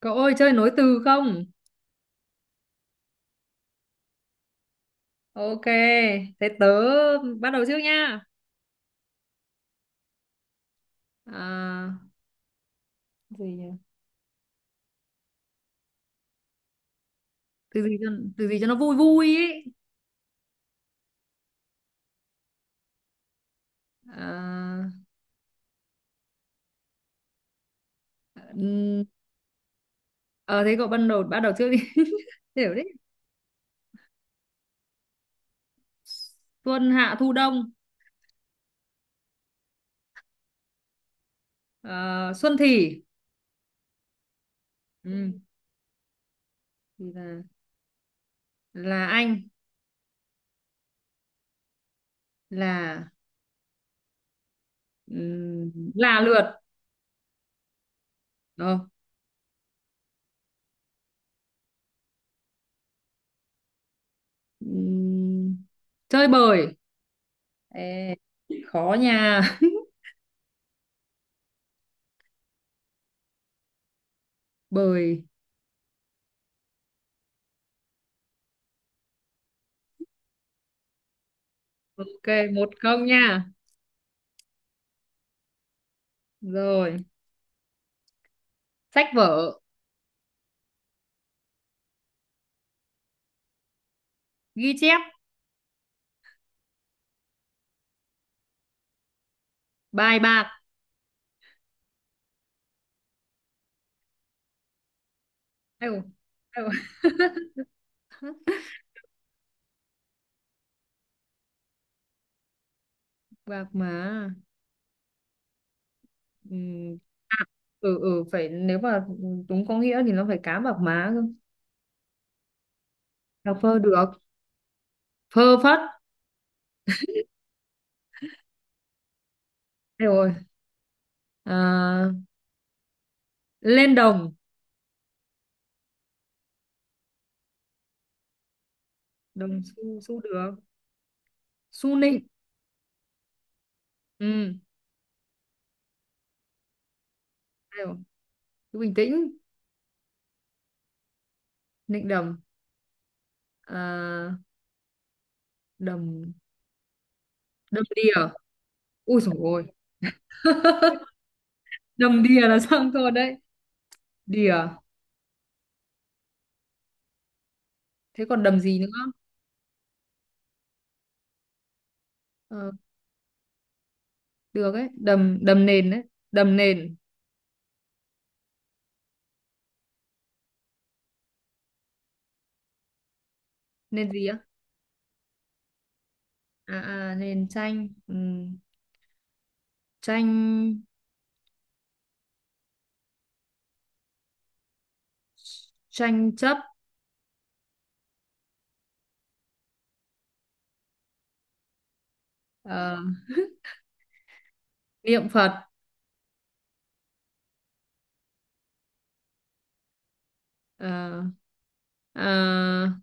Cậu ơi chơi nối từ không? Ok, thế tớ bắt đầu trước nha. À, gì nhỉ? Từ gì cho từ gì cho nó vui vui ấy. À, ừm, ờ, thế cậu bắt đầu trước đi. Hiểu đấy. Xuân hạ thu đông. Ờ, Xuân thì ừ, thì là anh là là lượt. Ờ, ừm, chơi bời. Ê, khó nha. Bời. Ok, một không nha. Rồi. Sách vở, ghi chép, bài bạc. Ai dồi, ai dồi, bạc má. Ừm, à, ừ phải, nếu mà đúng có nghĩa thì nó phải cá bạc má cơ. Đọc phơ được. Phơ phất. Ai rồi, à, lên đồng. Đồng xu, xu được. Xu nịnh. Ừ. Ai dồi, cứ bình tĩnh. Nịnh đồng, à, đồng đầm đìa. Ui dồi ôi. Đầm đìa là xong thôi đấy. Đìa. Thế còn đầm gì nữa? Ờ, được ấy, đầm đầm nền đấy. Đầm nền. Nền gì á? À, à nền tranh. Ừm, tranh, tranh chấp. Ờ, niệm Phật. Ờ, ờ,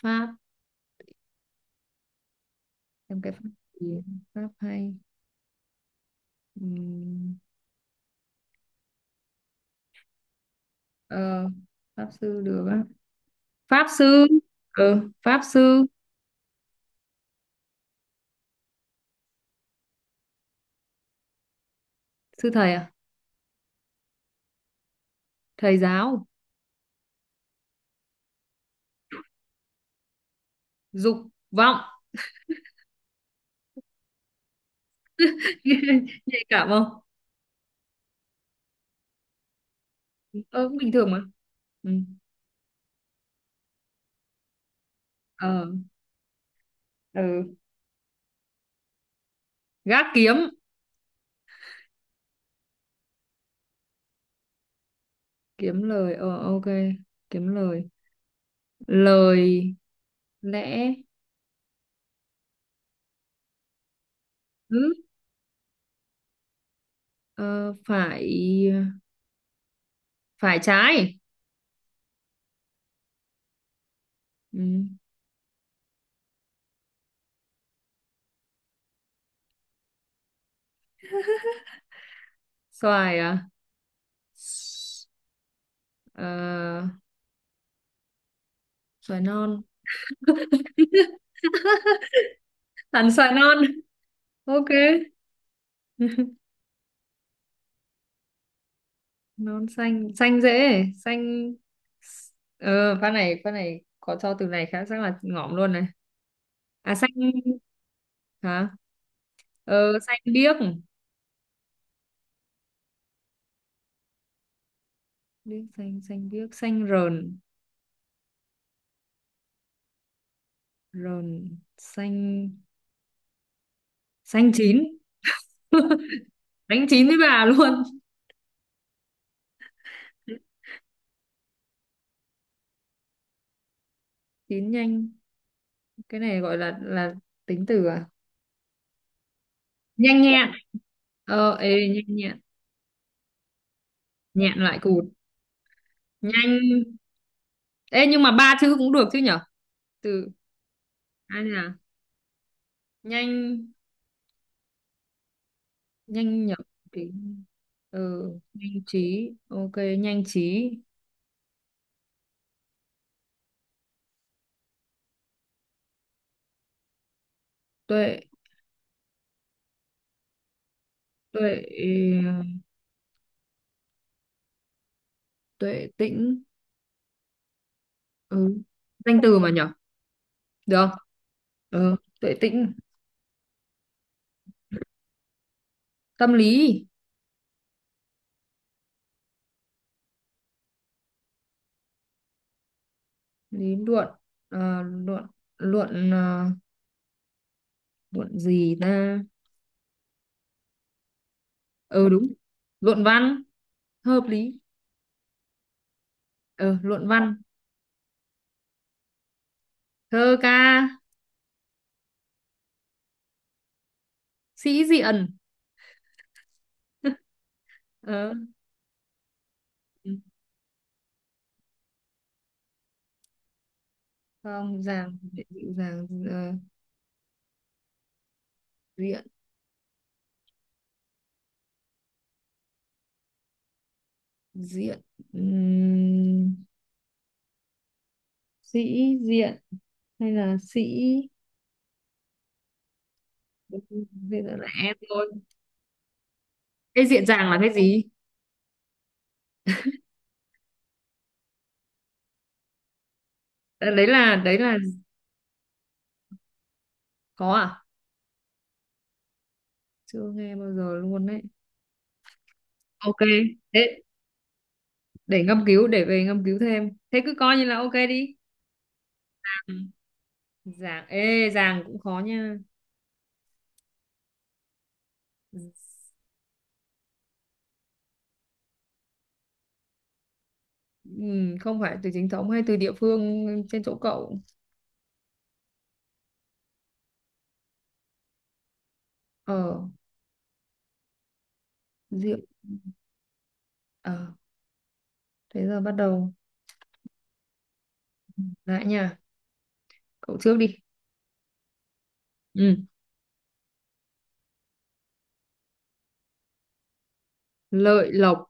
pháp. Em cái pháp gì? Pháp hay. Ừm, ờ, pháp sư được á. Pháp sư. Ừ, pháp sư. Sư thầy à? Thầy giáo dục vọng. Nhạy cảm không? Ờ bình thường mà. Ừ. Ờ. Ừ. Gác kiếm. Kiếm lời, ờ ok, kiếm lời. Lời lẽ. Ừ, ờ, phải, phải trái. Ừ. Xoài à? Ờ, xoài non. Hẳn xoài non. Ok. Non xanh, xanh dễ. Xanh. Ờ pha này, pha này có cho từ này khá chắc là ngỏm luôn này. À xanh, hả, ờ xanh biếc. Biếc xanh, xanh biếc, xanh rờn. Rờn xanh, xanh chín. Đánh chín với bà luôn. Chín nhanh. Cái này gọi là tính từ à? Nhanh nhẹn. Ờ ê nhanh nhẹn. Nhẹn lại cụt. Nhanh. Ê nhưng mà ba chữ cũng được chứ nhở? Từ ai là nhanh, nhanh nhở. Trí. Ừ nhanh trí, ok nhanh trí. Tuệ. Tuệ. Ừ, tuệ tĩnh. Ừ danh từ mà nhở, được không? Ừ tuệ tĩnh tâm, lý. Lý luận. Ờ, luận, luận, ờ, luận gì ta? Ừ đúng, luận văn. Hợp lý. Ờ luận văn thơ ca sĩ diện. Ờ. Ừ. Không dàng, dịu dàng. Ờ, diện, diện, ừm, sĩ diện hay là sĩ. Bây giờ là em thôi. Cái diện dàng là cái gì? Ờ, đấy là có à? Chưa nghe bao giờ luôn đấy. Ok, thế để ngâm cứu, để về ngâm cứu thêm, thế cứ coi như là ok đi. Ừ. Giảng, ê giảng cũng khó nha. Không phải từ chính thống hay từ địa phương trên chỗ cậu? Ờ rượu. Ờ thế giờ bắt đầu lại nha, cậu trước đi. Ừ. Lợi lộc.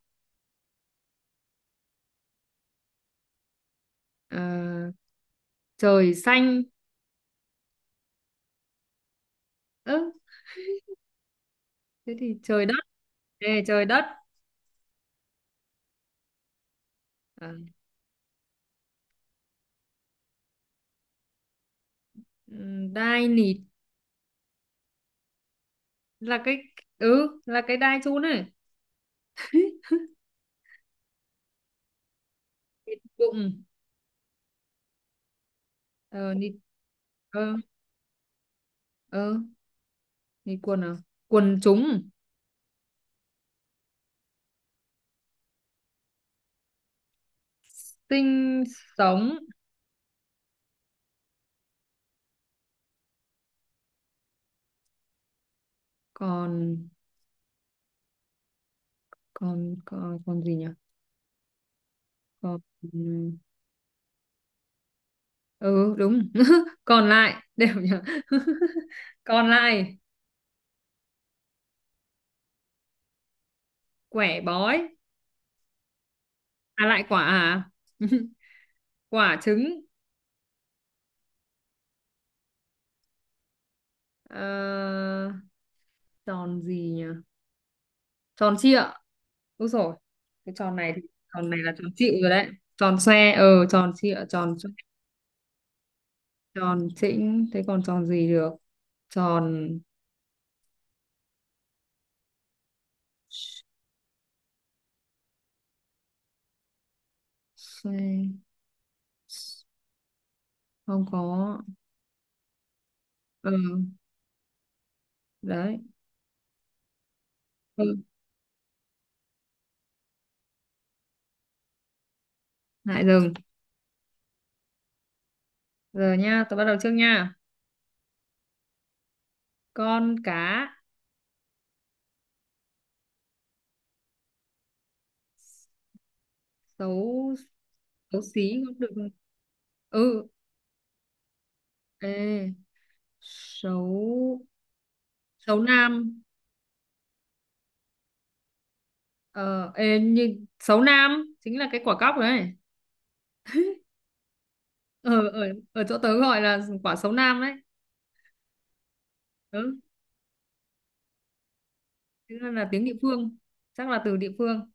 À, trời xanh. Ớ, thế thì trời đất. Ê, trời đất. À, đai nịt. Là cái, ừ là cái đai chun này. Bụng. Ờ nịt. Ờ, ờ, nịt quần à? Quần chúng sinh. Sống còn. Còn còn gì nhỉ? Còn. Ừ đúng. Còn lại đều nhờ. Còn lại quẻ bói. À lại quả à? Quả trứng. Ờ, tròn gì nhỉ? Tròn trịa, đúng rồi. Cái tròn này thì tròn này là tròn trịa rồi đấy. Tròn xoe, ờ tròn trịa, tròn xoe. Tròn chỉnh, thế còn tròn gì được? Tròn xoe, không có. Ừ đấy. Ừ. Lại dừng. Giờ nha, tôi bắt đầu trước nha. Con cá. Xấu. Xấu xí cũng được. Ừ ê xấu. Xấu nam. Ờ ê, như xấu nam chính là cái quả cóc đấy. Ở ở, ở chỗ tớ gọi là quả xấu nam đấy. Ừ thế nên là tiếng địa phương, chắc là từ địa phương.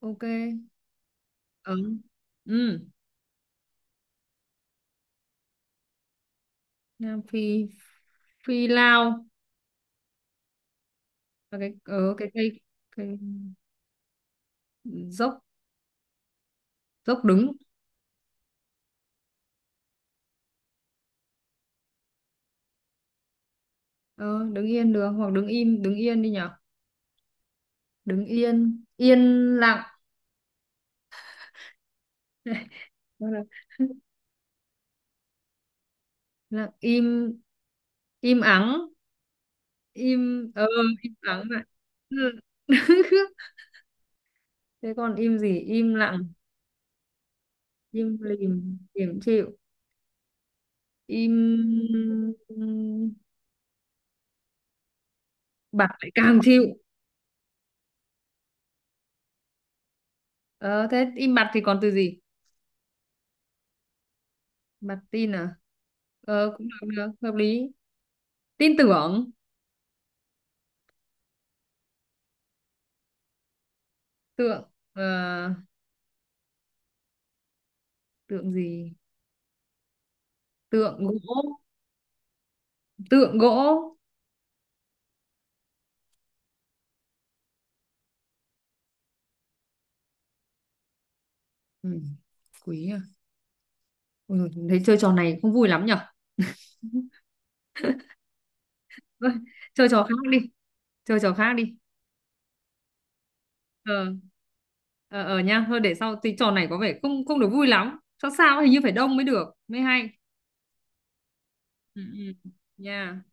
Ok. Ừ. Ừ. Nam Phi. Phi lao là cái ở cái cây, cái dốc. Dốc đứng. Ờ, đứng yên được hoặc đứng im, đứng yên đi nhở. Đứng yên, yên lặng. Đó là- lặng im, im ắng, im, ờ im ắng vậy. Ừ. Thế còn im gì? Im lặng, im lìm, im chịu, im bặt lại càng chịu. Ờ thế im bặt thì còn từ gì? Bặt tin à? Ờ cũng được, được hợp lý. Tin tưởng, tượng, ờ, tượng gì? Tượng gỗ. Tượng gỗ. Ừ. Quý à? Ôi, dồi, thấy chơi trò này không vui lắm nhở. Thôi, chơi trò khác đi, chơi trò khác đi. Ờ ờ ờ nha, thôi để sau, thì trò này có vẻ không không được vui lắm, sao sao hình như phải đông mới được mới hay. Ừ. Ừ. Nha.